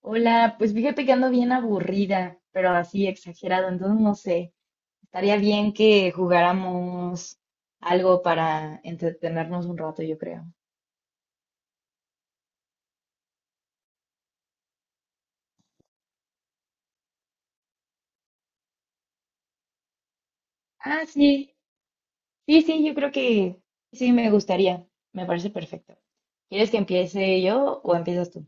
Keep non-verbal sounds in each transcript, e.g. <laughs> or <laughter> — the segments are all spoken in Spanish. Hola, pues fíjate que ando bien aburrida, pero así exagerado, entonces no sé, estaría bien que jugáramos algo para entretenernos un rato, yo creo. Ah, sí, sí, sí, yo creo que sí, me gustaría, me parece perfecto. ¿Quieres que empiece yo o empiezas tú?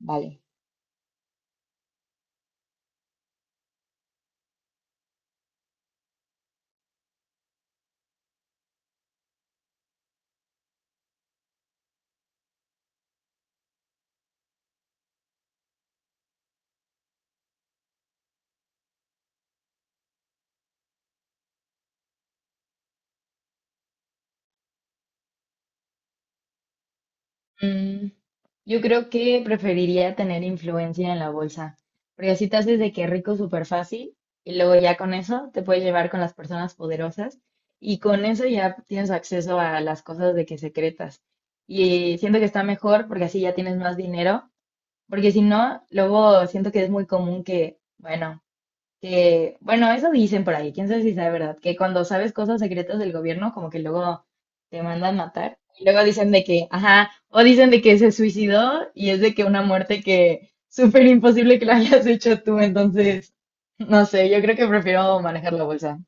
Vale. Mm, yo creo que preferiría tener influencia en la bolsa, porque así te haces de que rico súper fácil y luego ya con eso te puedes llevar con las personas poderosas y con eso ya tienes acceso a las cosas de que secretas. Y siento que está mejor porque así ya tienes más dinero, porque si no, luego siento que es muy común que, bueno. Que, bueno, eso dicen por ahí, quién sabe si sea verdad, que cuando sabes cosas secretas del gobierno, como que luego te mandan matar. Y luego dicen de que, ajá, o dicen de que se suicidó y es de que una muerte que <laughs> súper imposible que la hayas hecho tú, entonces, no sé, yo creo que prefiero manejar la bolsa.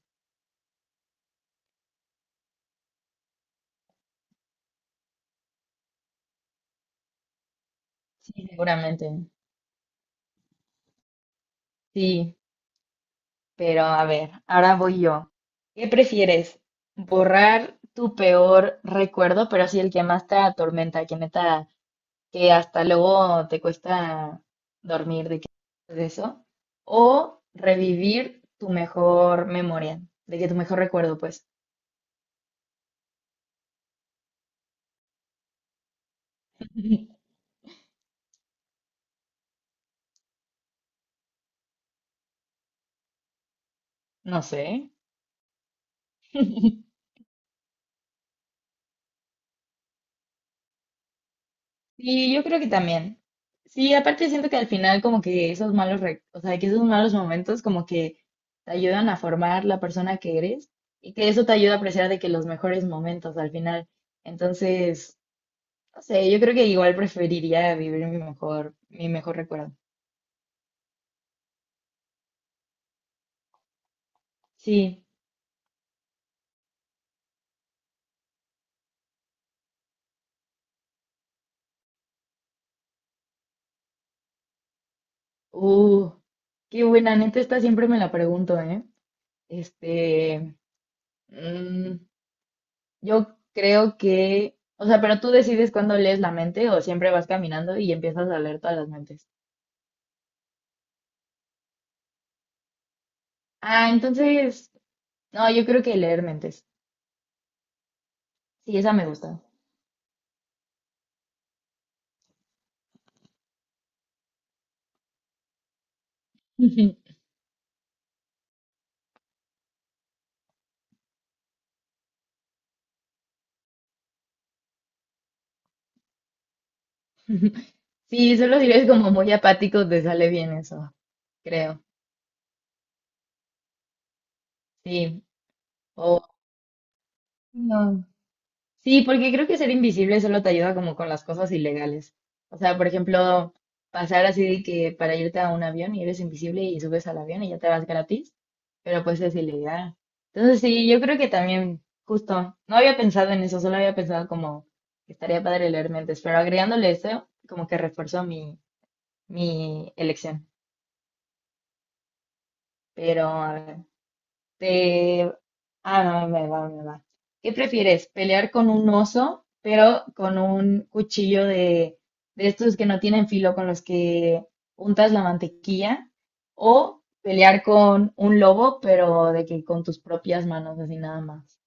Sí, seguramente. Sí, pero a ver, ahora voy yo. ¿Qué prefieres? ¿Borrar tu peor recuerdo, pero así el que más te atormenta, que neta que hasta luego te cuesta dormir de que de eso, o revivir tu mejor memoria, de que tu mejor recuerdo, pues, <laughs> no sé. Sí, yo creo que también. Sí, aparte siento que al final como que esos malos, o sea, que esos malos momentos como que te ayudan a formar la persona que eres y que eso te ayuda a apreciar de que los mejores momentos al final. Entonces, no sé, yo creo que igual preferiría vivir mi mejor recuerdo. Sí. Uh, qué buena, neta, esta siempre me la pregunto, ¿eh? Este, mm, yo creo que, o sea, pero tú decides cuándo lees la mente o siempre vas caminando y empiezas a leer todas las mentes. Ah, entonces, no, yo creo que leer mentes. Sí, esa me gusta. <laughs> Sí, solo si eres como muy apático, te sale bien eso, creo. Sí. O, sí, porque creo que ser invisible solo te ayuda como con las cosas ilegales. O sea, por ejemplo, pasar así de que para irte a un avión y eres invisible y subes al avión y ya te vas gratis, pero pues es ilegal. Entonces sí, yo creo que también, justo, no había pensado en eso, solo había pensado como que estaría padre leer mentes, pero agregándole eso, como que reforzó mi, mi elección. Pero a ver. De... Ah, no, me va, me va. ¿Qué prefieres? ¿Pelear con un oso, pero con un cuchillo de estos que no tienen filo con los que untas la mantequilla? ¿O pelear con un lobo, pero de que con tus propias manos, así nada más?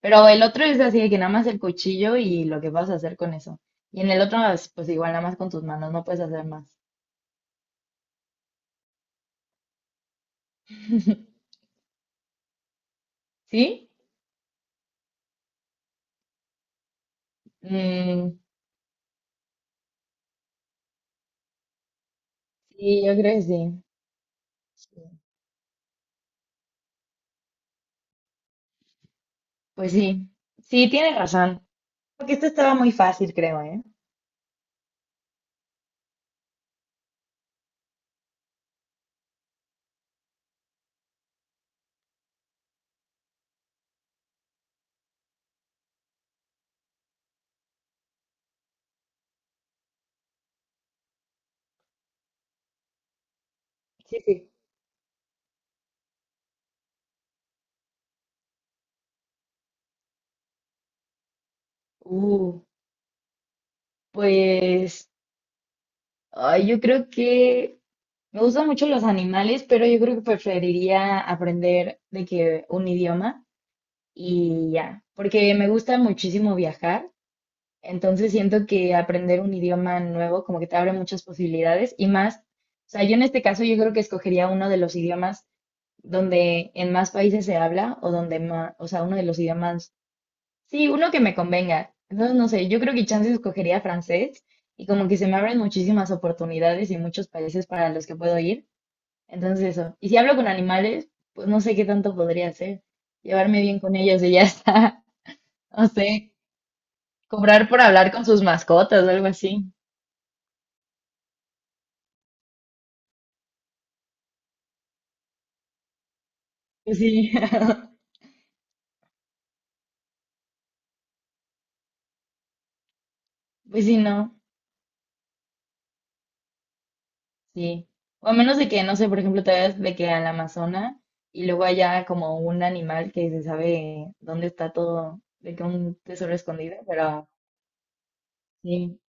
Pero el otro es así de que nada más el cuchillo y lo que vas a hacer con eso. Y en el otro, pues igual nada más con tus manos, no puedes hacer más. ¿Sí? Mm, sí, yo creo que sí. Sí. Pues sí, sí, tienes razón. Porque esto estaba muy fácil, creo, ¿eh? Sí, sí. Uh, pues ay, yo creo que me gustan mucho los animales, pero yo creo que preferiría aprender de que un idioma y ya, porque me gusta muchísimo viajar, entonces siento que aprender un idioma nuevo como que te abre muchas posibilidades y más, o sea, yo en este caso yo creo que escogería uno de los idiomas donde en más países se habla o donde más, o sea, uno de los idiomas. Sí, uno que me convenga. Entonces, no sé, yo creo que chance escogería francés y como que se me abren muchísimas oportunidades y muchos países para los que puedo ir. Entonces, eso. Y si hablo con animales, pues no sé qué tanto podría hacer. Llevarme bien con ellos y ya está. <laughs> No sé, cobrar por hablar con sus mascotas o algo así. Pues sí, <laughs> pues sí, no, sí. O a menos de que, no sé, por ejemplo, te vayas de que al Amazonas y luego haya como un animal que se sabe dónde está todo, de que un tesoro escondido, pero... Sí,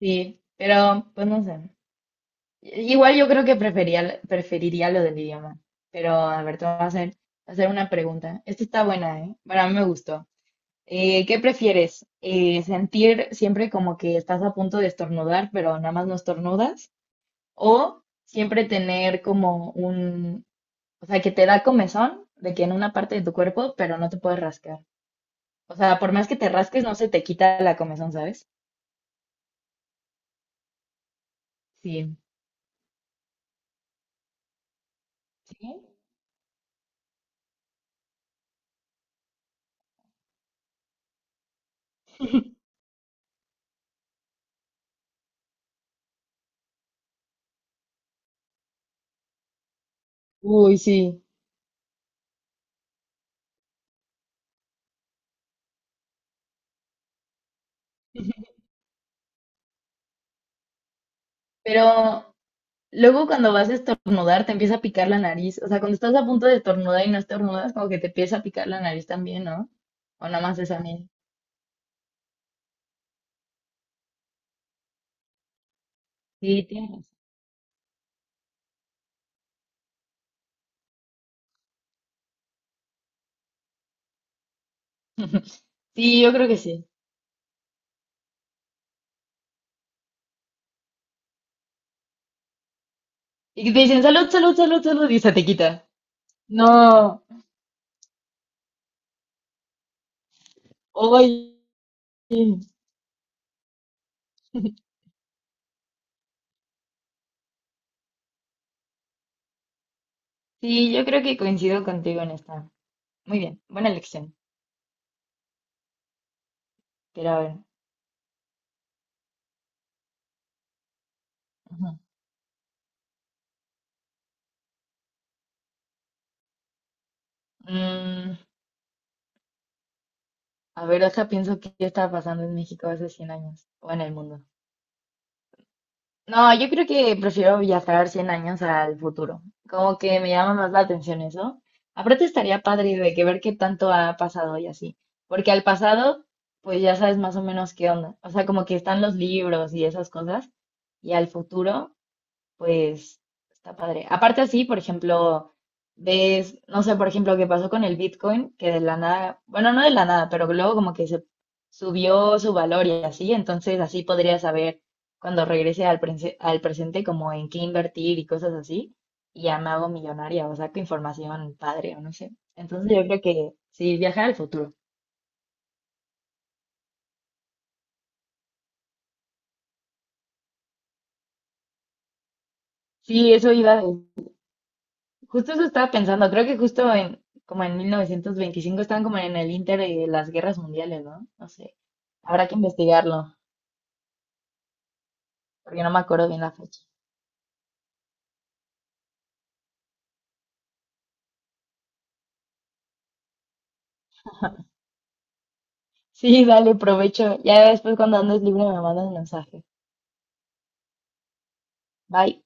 sí, pero pues no sé. Igual yo creo que preferiría lo del idioma. Pero a ver, te voy a hacer una pregunta. Esta está buena, ¿eh? Bueno, a mí me gustó. ¿Qué prefieres? ¿Sentir siempre como que estás a punto de estornudar, pero nada más no estornudas? ¿O siempre tener como un, o sea, que te da comezón de que en una parte de tu cuerpo, pero no te puedes rascar? O sea, por más que te rasques, no se te quita la comezón, ¿sabes? Sí. ¿Sí? <laughs> Uy, sí. Pero luego cuando vas a estornudar te empieza a picar la nariz. O sea, cuando estás a punto de estornudar y no estornudas, como que te empieza a picar la nariz también, ¿no? O nada más es a mí. Sí, tienes razón. Sí, yo creo que sí. Y que te dicen salud, salud, salud, salud y se te quita. No. Oye. Sí, yo creo que coincido contigo en esta. Muy bien, buena elección. Pero a ver. Ujú. Mm, a ver, deja, pienso qué estaba pasando en México hace 100 años o en el mundo. No, yo creo que prefiero viajar 100 años al futuro. Como que me llama más la atención eso. Aparte estaría padre de que ver qué tanto ha pasado y así. Porque al pasado, pues ya sabes más o menos qué onda. O sea, como que están los libros y esas cosas. Y al futuro, pues está padre. Aparte así, por ejemplo, ves, no sé, por ejemplo, qué pasó con el Bitcoin, que de la nada, bueno, no de la nada, pero luego como que se subió su valor y así, entonces así podría saber cuando regrese al, al presente como en qué invertir y cosas así, y ya me hago millonaria o saco información padre o no sé. Entonces yo creo que sí, viajar al futuro. Sí, eso iba a... Justo eso estaba pensando, creo que justo en, como en 1925 estaban como en el inter de las guerras mundiales, ¿no? No sé, habrá que investigarlo, porque no me acuerdo bien la fecha. Sí, dale, provecho. Ya después cuando andes libre me mandas un mensaje. Bye.